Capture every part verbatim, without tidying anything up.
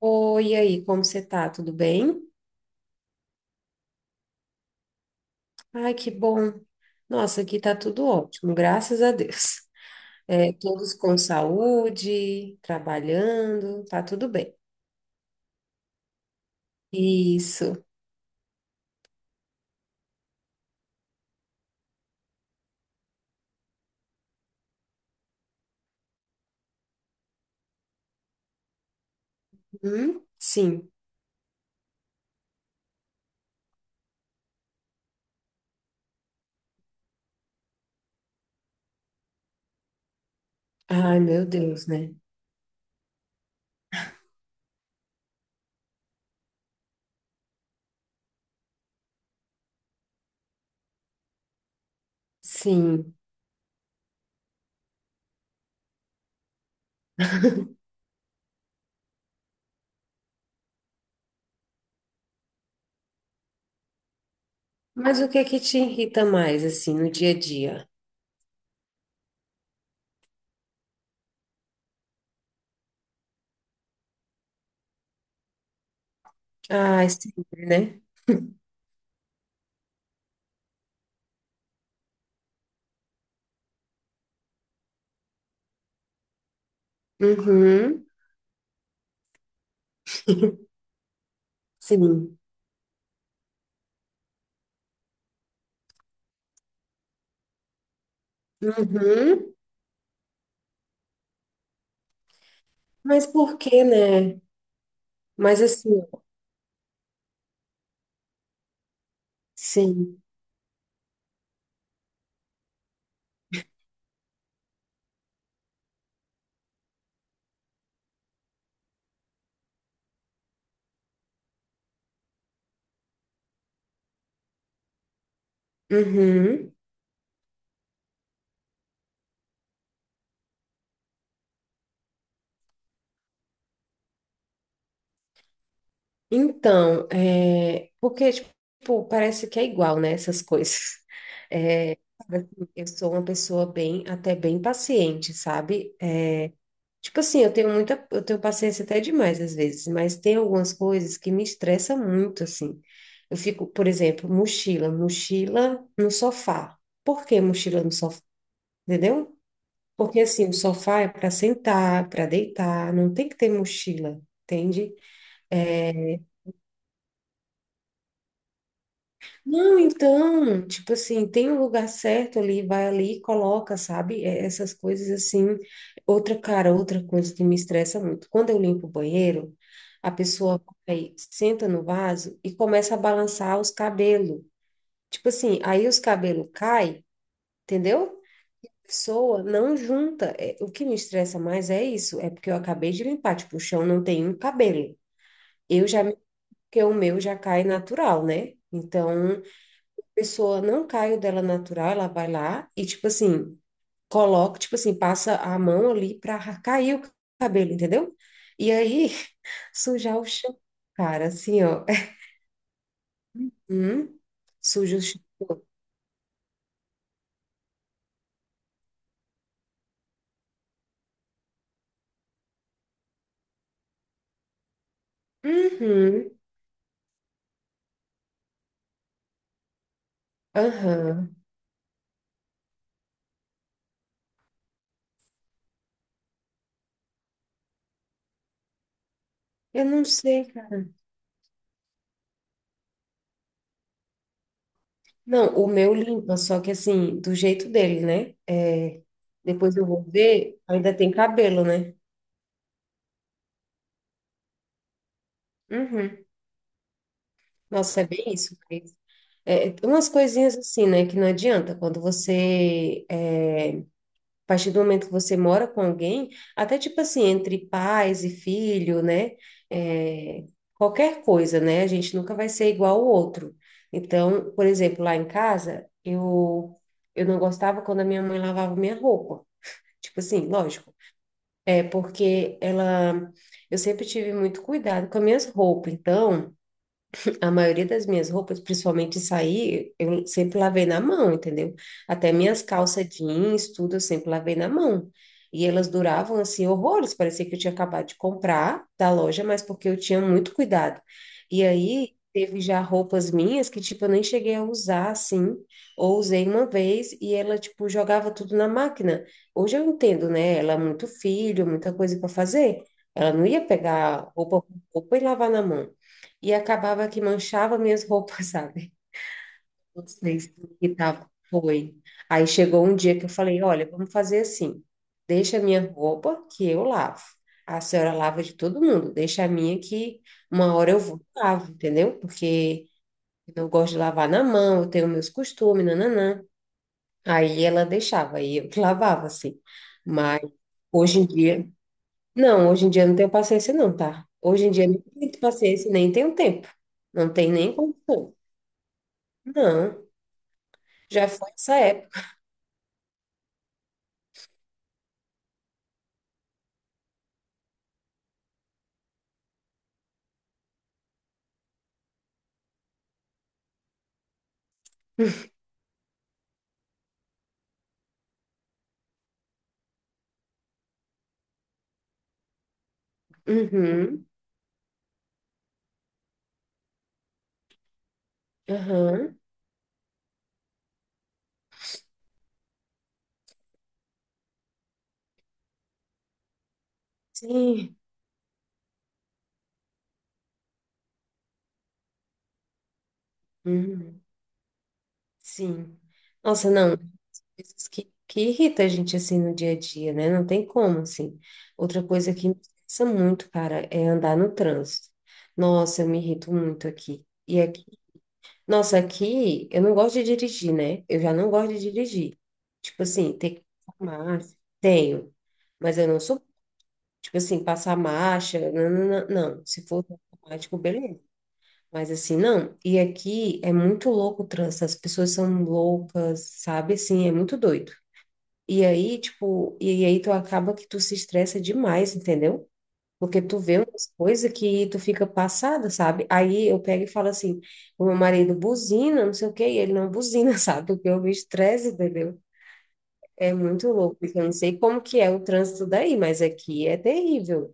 Oi, e aí, como você tá? Tudo bem? Ai, que bom. Nossa, aqui tá tudo ótimo, graças a Deus. É, todos com saúde, trabalhando, tá tudo bem. Isso. Hum? Sim. Ai, meu Deus, né? Sim. Mas o que é que te irrita mais, assim, no dia a dia? Ai, sempre, né? Uhum. Sim. Uhum. Mas por quê, né? Mas assim, sim. Uhum. Então, é, porque, tipo, parece que é igual, né, essas coisas. É, sabe, assim, eu sou uma pessoa bem, até bem paciente, sabe? É, tipo assim, eu tenho muita, eu tenho paciência até demais às vezes, mas tem algumas coisas que me estressam muito, assim. Eu fico, por exemplo, mochila, mochila no sofá. Por que mochila no sofá? Entendeu? Porque, assim, o sofá é para sentar, para deitar, não tem que ter mochila, entende? Não, então, tipo assim, tem um lugar certo ali, vai ali, e coloca, sabe? É, Essas coisas assim. Outra, cara, outra coisa que me estressa muito. Quando eu limpo o banheiro, a pessoa aí senta no vaso e começa a balançar os cabelos. Tipo assim, aí os cabelos caem, entendeu? pessoa não junta. É, o que me estressa mais é isso, é porque eu acabei de limpar, tipo, o chão não tem um cabelo. Eu já, porque o meu já cai natural, né? Então pessoa não cai o dela natural, ela vai lá e, tipo assim, coloca, tipo assim, passa a mão ali pra cair o cabelo, entendeu? E aí, sujar o chão, cara, assim, ó. Hum, suja o chão. Uhum, aham. Eu não sei, cara. Não, o meu limpa, só que assim, do jeito dele, né? É, depois eu vou ver, ainda tem cabelo, né? Uhum. Nossa, é bem isso. É, umas coisinhas assim, né, que não adianta quando você, é, a partir do momento que você mora com alguém, até tipo assim, entre pais e filho, né, é, qualquer coisa, né, a gente nunca vai ser igual ao outro. Então, por exemplo, lá em casa, eu, eu não gostava quando a minha mãe lavava minha roupa. Tipo assim, lógico. É porque ela, eu sempre tive muito cuidado com as minhas roupas, então a maioria das minhas roupas, principalmente sair, eu sempre lavei na mão, entendeu? Até minhas calças jeans, tudo, eu sempre lavei na mão. E elas duravam assim horrores, parecia que eu tinha acabado de comprar da loja, mas porque eu tinha muito cuidado. E aí teve já roupas minhas que tipo eu nem cheguei a usar assim, ou usei uma vez e ela tipo jogava tudo na máquina. Hoje eu entendo, né? Ela é muito filho, muita coisa para fazer. Ela não ia pegar roupa, roupa e lavar na mão. E acabava que manchava minhas roupas, sabe? Vocês que tava. Foi. Aí chegou um dia que eu falei, olha, vamos fazer assim. Deixa a minha roupa que eu lavo. A senhora lava de todo mundo. Deixa a minha que uma hora eu vou e lavo, entendeu? Porque eu não gosto de lavar na mão, eu tenho meus costumes, nananã. Aí ela deixava, aí eu que lavava, assim. Mas hoje em dia, não, hoje em dia eu não tenho paciência não, tá? Hoje em dia eu não tenho paciência, nem tenho tempo. Não tem nem como. Não, já foi essa época. Uhum, aham, sim, uhum, sim. Nossa, não, coisas que, que irrita a gente assim no dia a dia, né? Não tem como, assim. Outra coisa que me estressa muito, cara, é andar no trânsito. Nossa, eu me irrito muito aqui. E aqui, nossa, aqui eu não gosto de dirigir, né? Eu já não gosto de dirigir. Tipo assim, ter que arrumar, tenho, mas eu não sou, tipo assim, passar marcha, não, não, não, não. Se for automático, beleza. Mas assim, não. E aqui é muito louco o trânsito, as pessoas são loucas, sabe? Assim, é muito doido. E aí, tipo, e aí tu acaba que tu se estressa demais, entendeu? Porque tu vê umas coisas que tu fica passada, sabe? Aí eu pego e falo assim, o meu marido buzina, não sei o quê, e ele não buzina, sabe? Porque eu me estresse, entendeu? É muito louco, porque eu não sei como que é o trânsito daí, mas aqui é terrível.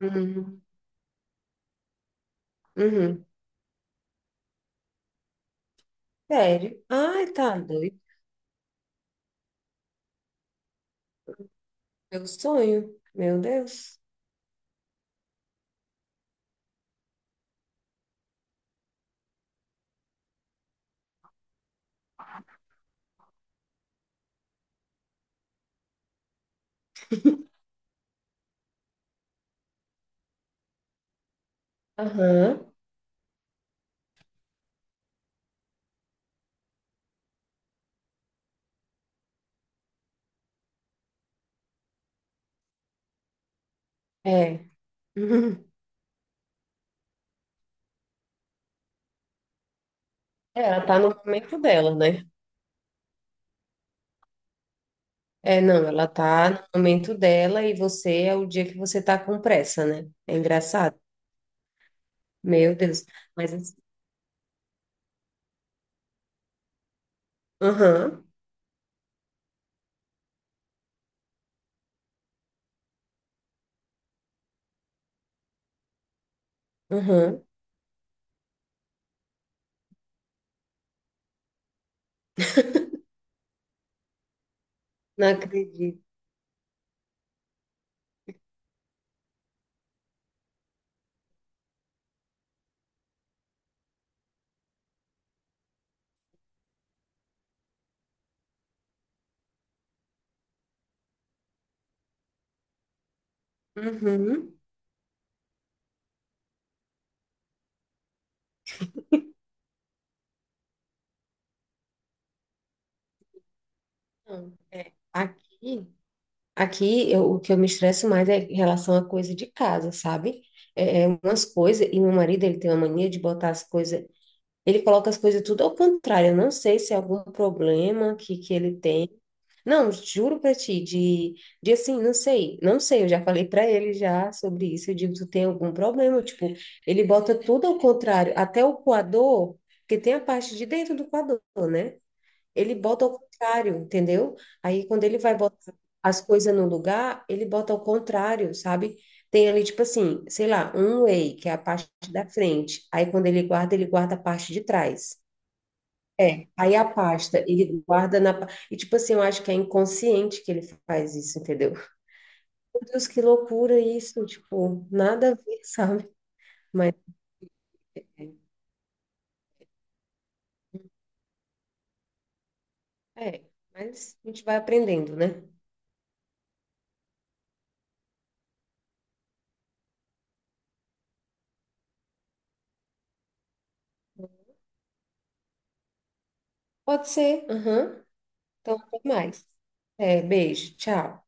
Uhum. Uhum. Sério? Ai, tá doido. Meu sonho. Meu Deus. Aham, é. Uhum. Ela tá no momento dela, né? É, não, ela tá no momento dela e você é o dia que você tá com pressa, né? É engraçado. Meu Deus. Mas assim, aham, aham. Não acredito. Uhum. Não, é, aqui, aqui eu- o que eu me estresso mais é em relação a coisa de casa, sabe? É, é umas coisas, e meu marido, ele tem uma mania de botar as coisas Ele coloca as coisas tudo ao contrário. Eu não sei se é algum problema que, que ele tem. Não, juro pra ti, de, de assim, não sei, não sei, eu já falei pra ele já sobre isso. Eu digo, tu tem algum problema? Tipo, ele bota tudo ao contrário, até o coador, porque tem a parte de dentro do coador, né? Ele bota ao contrário, entendeu? Aí quando ele vai botar as coisas no lugar, ele bota ao contrário, sabe? Tem ali, tipo assim, sei lá, um whey, que é a parte da frente. Aí quando ele guarda, ele guarda a parte de trás. É. Aí a pasta, ele guarda na. pa- E tipo assim, eu acho que é inconsciente que ele faz isso, entendeu? Meu Deus, que loucura isso, tipo, nada a ver, sabe? Mas é, mas a gente vai aprendendo, né? Pode ser. Aham. Então, até mais. É, beijo, tchau.